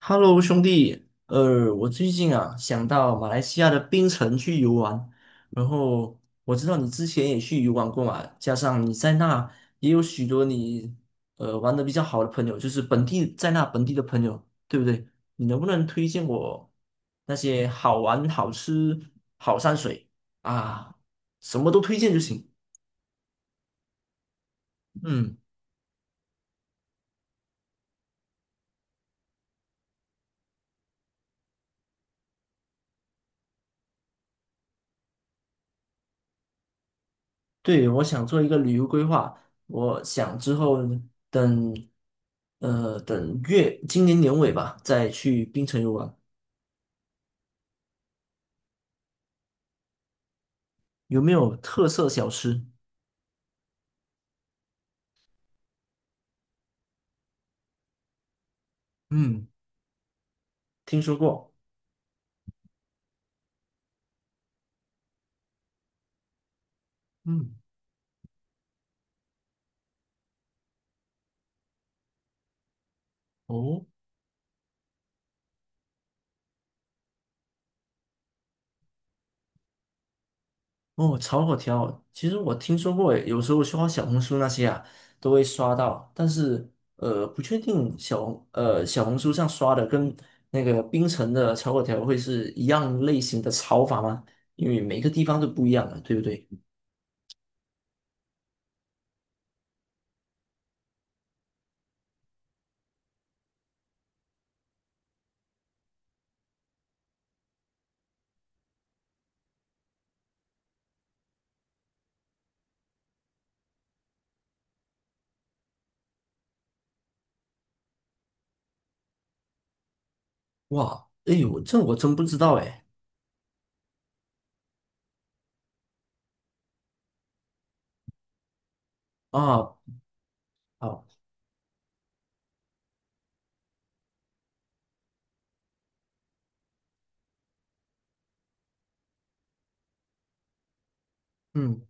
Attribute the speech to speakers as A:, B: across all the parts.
A: Hello,兄弟，我最近啊想到马来西亚的槟城去游玩，然后我知道你之前也去游玩过嘛，加上你在那也有许多玩的比较好的朋友，就是本地的朋友，对不对？你能不能推荐我那些好玩、好吃、好山水啊，什么都推荐就行。嗯。对，我想做一个旅游规划，我想之后等，呃，等月，今年年尾吧，再去槟城游玩。有没有特色小吃？嗯，听说过。嗯，哦哦，炒粿条，其实我听说过诶，有时候刷小红书那些啊，都会刷到，但是不确定小红书上刷的跟那个槟城的炒粿条会是一样类型的炒法吗？因为每个地方都不一样的，对不对？哇，哎呦，我真不知道哎。啊，好，嗯，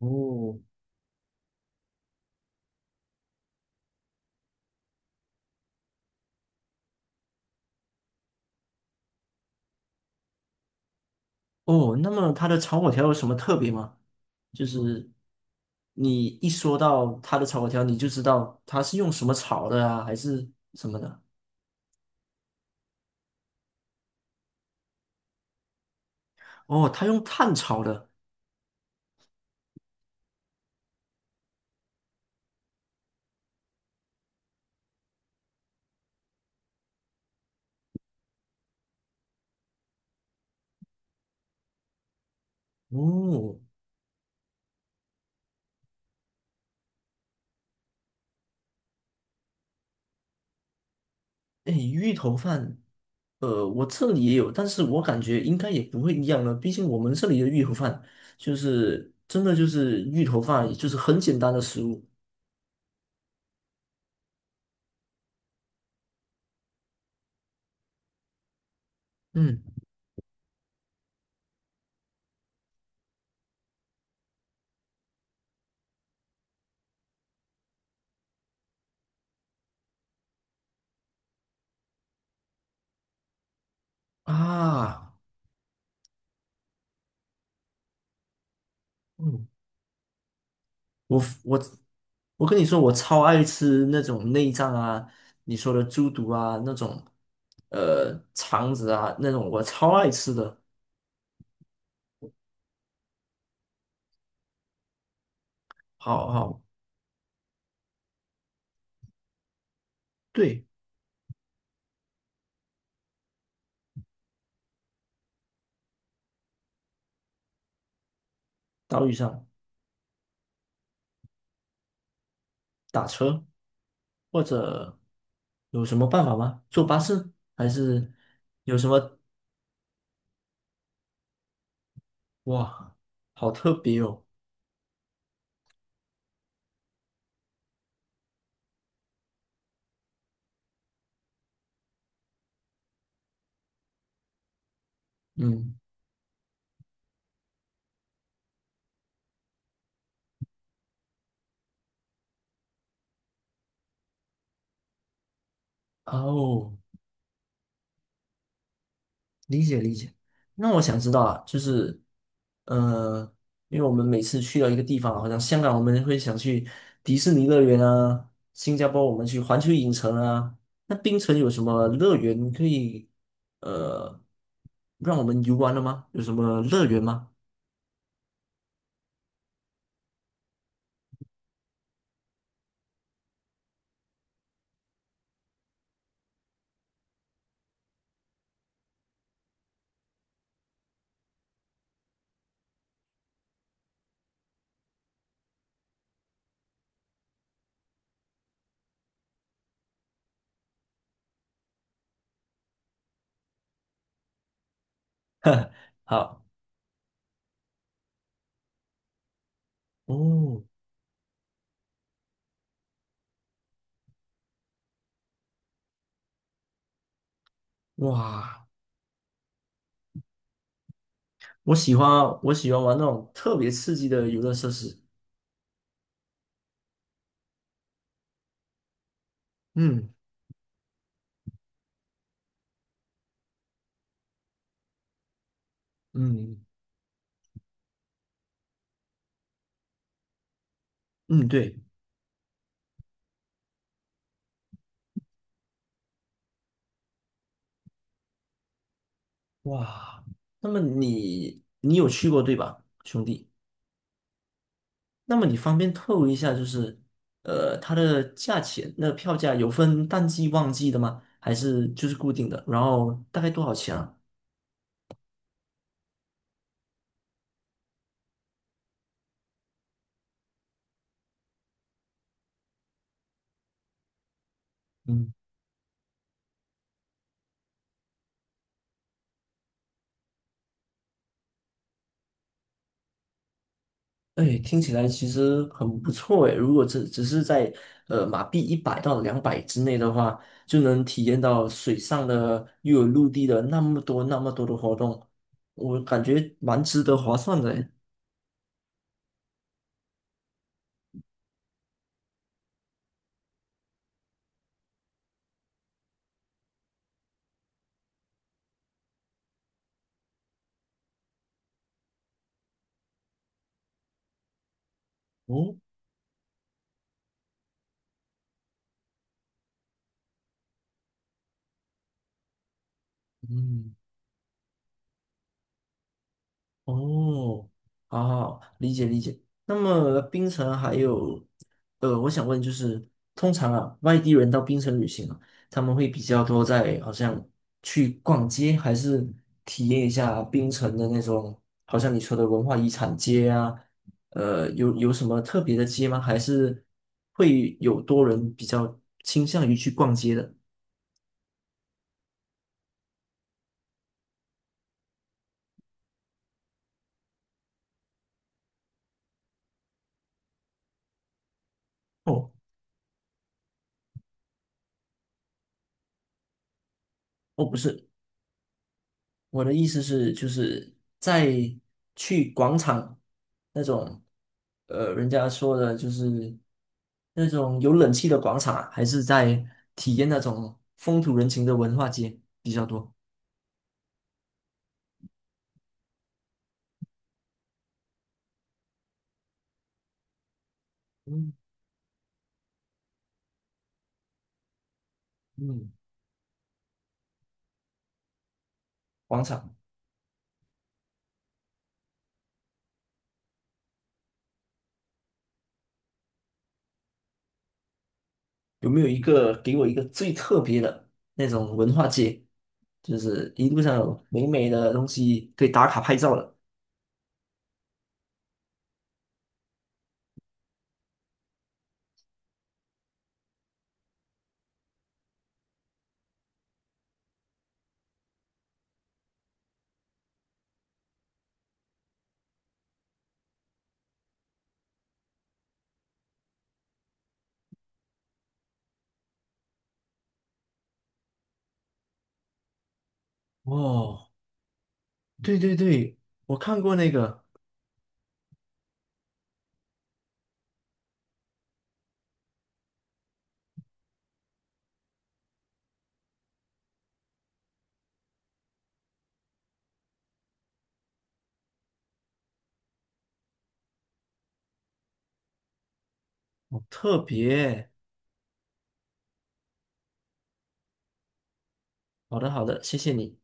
A: 哦哦，那么它的炒粿条有什么特别吗？就是你一说到它的炒粿条，你就知道它是用什么炒的啊，还是什么的？哦，它用碳炒的。哦，哎，芋头饭，我这里也有，但是我感觉应该也不会一样了，毕竟我们这里的芋头饭就是真的就是芋头饭，就是很简单的食物。嗯啊。嗯，我 f- 我我跟你说，我超爱吃那种内脏啊，你说的猪肚啊，那种肠子啊，那种我超爱吃的。好好，对，岛屿上打车或者有什么办法吗？坐巴士还是有什么？哇，好特别哦。嗯，哦。理解理解。那我想知道啊，呃，因为我们每次去到一个地方啊，好像香港我们会想去迪士尼乐园啊，新加坡我们去环球影城啊，那槟城有什么乐园可以，呃，让我们游玩的吗？有什么乐园吗？好，哦，哇，我我喜欢玩那种特别刺激的游乐设施。嗯嗯嗯，对。哇，那么你有去过对吧，兄弟？那么你方便透露一下，它的价钱，那票价有分淡季旺季的吗？还是就是固定的？然后大概多少钱啊？嗯。哎，听起来其实很不错哎。如果只是在马币100到200之内的话，就能体验到水上的又有陆地的那么多的活动，我感觉蛮值得划算的诶。哦，嗯，哦，好好，理解理解。那么槟城还有，我想问就是，通常啊，外地人到槟城旅行啊，他们会比较多在好像去逛街，还是体验一下槟城的那种，好像你说的文化遗产街啊，有什么特别的街吗？还是会有多人比较倾向于去逛街的？哦哦，不是。我的意思是，就是在去广场那种，人家说的就是那种有冷气的广场啊还是在体验那种风土人情的文化街比较多？嗯嗯，广场有没有一个给我一个最特别的那种文化街？就是一路上有美美的东西可以打卡拍照的。哦，对对对，我看过那个，好特别。好的好的，谢谢你。